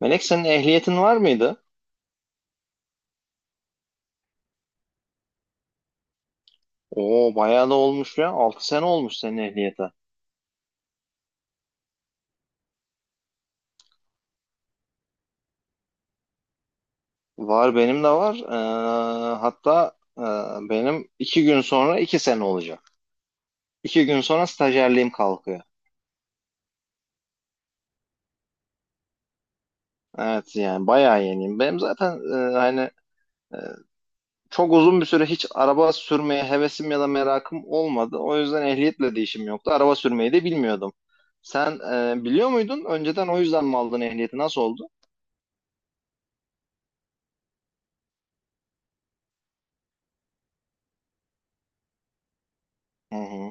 Melek senin ehliyetin var mıydı? Oo bayağı da olmuş ya. 6 sene olmuş senin ehliyete. Var, benim de var. Benim 2 gün sonra 2 sene olacak. 2 gün sonra stajyerliğim kalkıyor. Evet, yani bayağı yeniyim. Benim zaten hani e, çok uzun bir süre hiç araba sürmeye hevesim ya da merakım olmadı. O yüzden ehliyetle de işim yoktu. Araba sürmeyi de bilmiyordum. Sen biliyor muydun? Önceden o yüzden mi aldın ehliyeti? Nasıl oldu? Hı hı.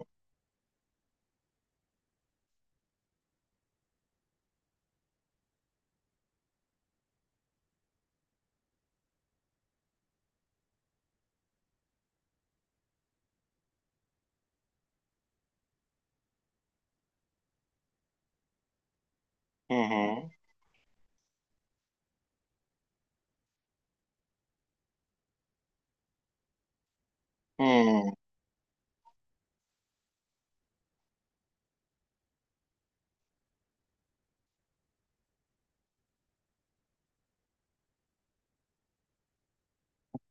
Hı hı. Hı.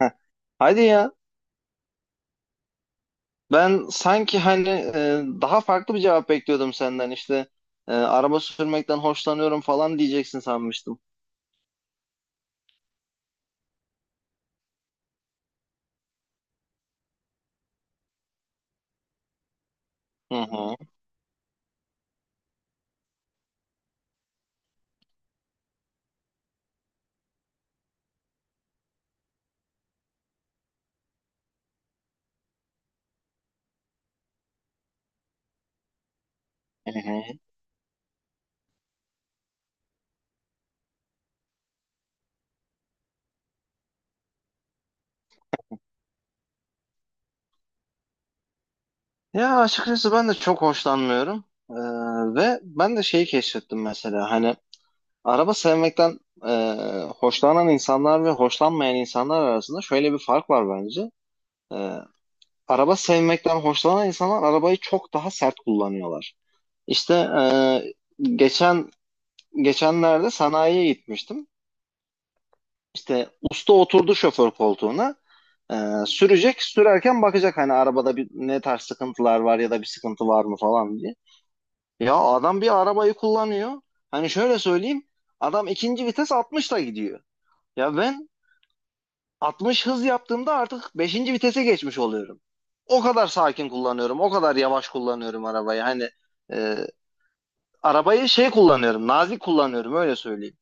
Heh. Hadi ya. Ben sanki hani daha farklı bir cevap bekliyordum senden. İşte araba sürmekten hoşlanıyorum falan diyeceksin sanmıştım. Hı hı, hı hı. Ya açıkçası ben de çok hoşlanmıyorum. Ve ben de şeyi keşfettim mesela. Hani araba sevmekten e, hoşlanan insanlar ve hoşlanmayan insanlar arasında şöyle bir fark var bence. E, Araba sevmekten hoşlanan insanlar arabayı çok daha sert kullanıyorlar. İşte e, geçen geçenlerde sanayiye gitmiştim. İşte usta oturdu şoför koltuğuna. Ee, sürecek, sürerken bakacak hani arabada bir ne tarz sıkıntılar var ya da bir sıkıntı var mı falan diye. Ya adam bir arabayı kullanıyor. Hani şöyle söyleyeyim. Adam ikinci vites 60'la gidiyor. Ya ben 60 hız yaptığımda artık beşinci vitese geçmiş oluyorum. O kadar sakin kullanıyorum. O kadar yavaş kullanıyorum arabayı. Hani e, arabayı şey kullanıyorum. Nazik kullanıyorum, öyle söyleyeyim.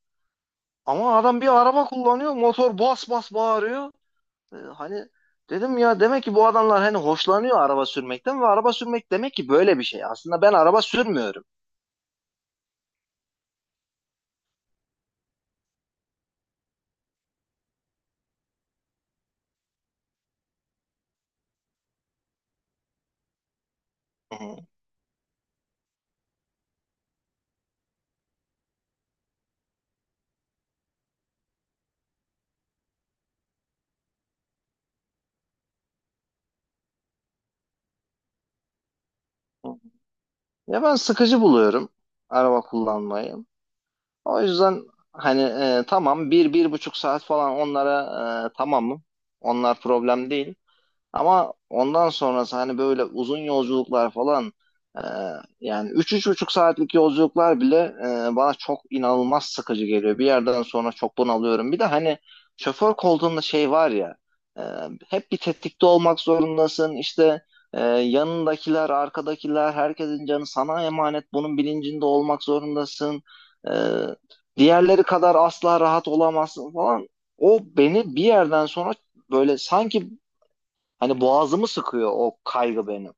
Ama adam bir araba kullanıyor. Motor bas bas bağırıyor. Hani dedim ya, demek ki bu adamlar hani hoşlanıyor araba sürmekten ve araba sürmek demek ki böyle bir şey. Aslında ben araba sürmüyorum. Hı hı. Ya ben sıkıcı buluyorum araba kullanmayı. O yüzden hani tamam, bir, bir buçuk saat falan, onlara tamamım. Onlar problem değil. Ama ondan sonrası, hani böyle uzun yolculuklar falan, e, yani üç buçuk saatlik yolculuklar bile bana çok inanılmaz sıkıcı geliyor. Bir yerden sonra çok bunalıyorum. Bir de hani şoför koltuğunda şey var ya, e, hep bir tetikte olmak zorundasın. İşte yanındakiler, arkadakiler, herkesin canı sana emanet. Bunun bilincinde olmak zorundasın. E, Diğerleri kadar asla rahat olamazsın falan. O beni bir yerden sonra böyle sanki, hani boğazımı sıkıyor o kaygı benim.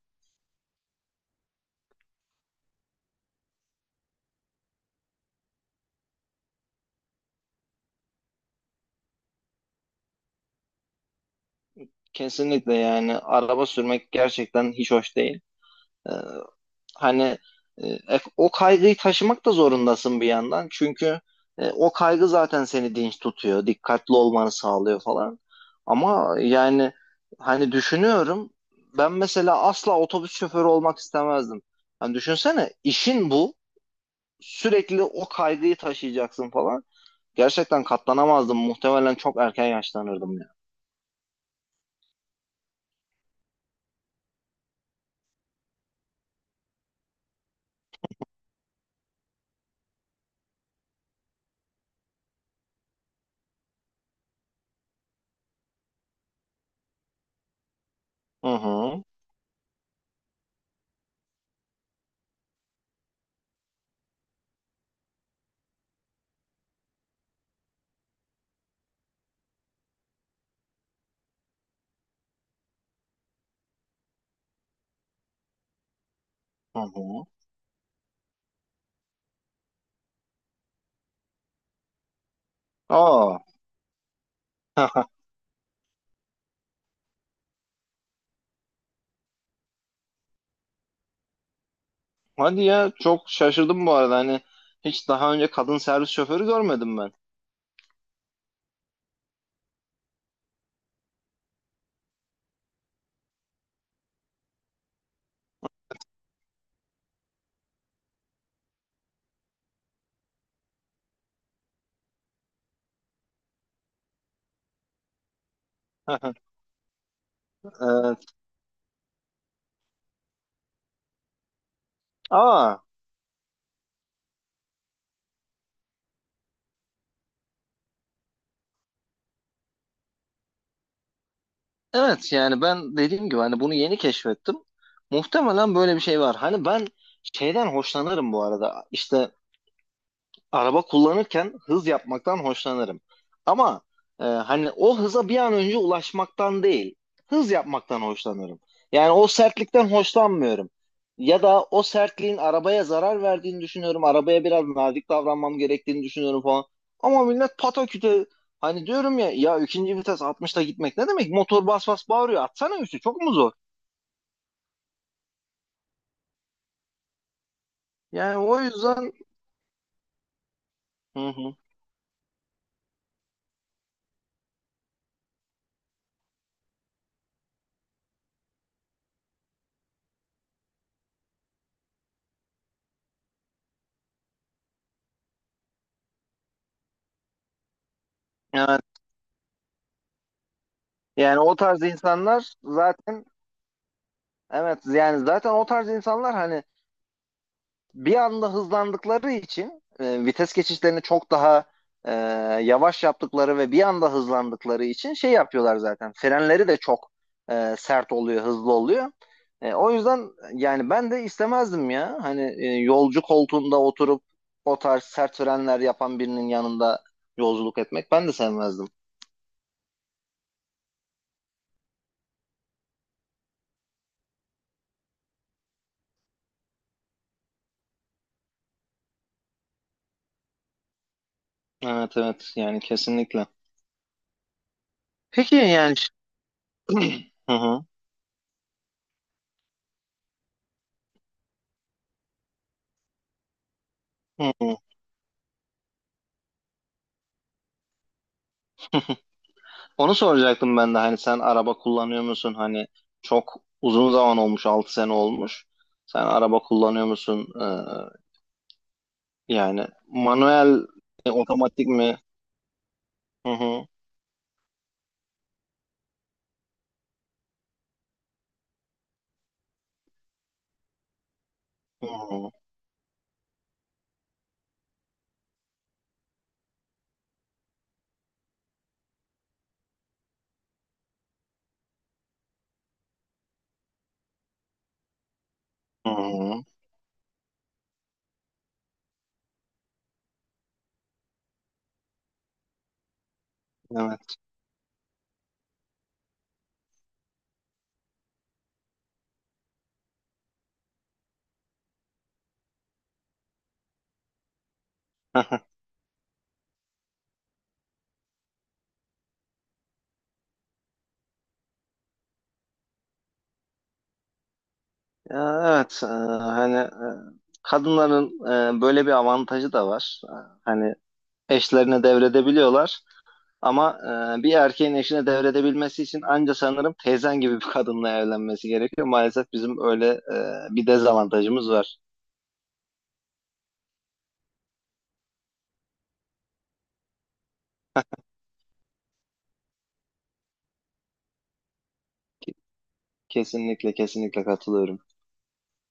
Kesinlikle, yani araba sürmek gerçekten hiç hoş değil. Ee, hani o kaygıyı taşımak da zorundasın bir yandan. Çünkü o kaygı zaten seni dinç tutuyor, dikkatli olmanı sağlıyor falan. Ama yani hani düşünüyorum, ben mesela asla otobüs şoförü olmak istemezdim. Hani düşünsene, işin bu. Sürekli o kaygıyı taşıyacaksın falan. Gerçekten katlanamazdım. Muhtemelen çok erken yaşlanırdım ya. Hı hı. Hı hı. Aa. Hadi ya, çok şaşırdım bu arada. Hani hiç daha önce kadın servis şoförü görmedim ben. Evet. Aa, evet yani ben dediğim gibi hani bunu yeni keşfettim. Muhtemelen böyle bir şey var. Hani ben şeyden hoşlanırım bu arada. İşte araba kullanırken hız yapmaktan hoşlanırım. Ama hani o hıza bir an önce ulaşmaktan değil, hız yapmaktan hoşlanırım. Yani o sertlikten hoşlanmıyorum. Ya da o sertliğin arabaya zarar verdiğini düşünüyorum. Arabaya biraz nazik davranmam gerektiğini düşünüyorum falan. Ama millet pataküte, hani diyorum ya, ya ikinci vites 60'ta gitmek ne demek? Motor bas bas bağırıyor. Atsana üstü, çok mu zor? Yani o yüzden. Hı hı. Yani, yani o tarz insanlar zaten, evet yani zaten o tarz insanlar hani bir anda hızlandıkları için vites geçişlerini çok daha e, yavaş yaptıkları ve bir anda hızlandıkları için şey yapıyorlar zaten. Frenleri de çok sert oluyor, hızlı oluyor. O yüzden yani ben de istemezdim ya. Hani yolcu koltuğunda oturup o tarz sert frenler yapan birinin yanında yolculuk etmek ben de sevmezdim. Evet, evet, yani kesinlikle. Peki yani, hı hı. Hı, onu soracaktım ben de. Hani sen araba kullanıyor musun? Hani çok uzun zaman olmuş, 6 sene olmuş. Sen araba kullanıyor musun? Yani manuel otomatik mi? Hı hı. Hı hı. Hı hı. Evet. Ya, evet. Hani kadınların böyle bir avantajı da var. Hani eşlerine devredebiliyorlar. Ama bir erkeğin eşine devredebilmesi için anca sanırım teyzen gibi bir kadınla evlenmesi gerekiyor. Maalesef bizim öyle bir dezavantajımız var. Kesinlikle, kesinlikle katılıyorum.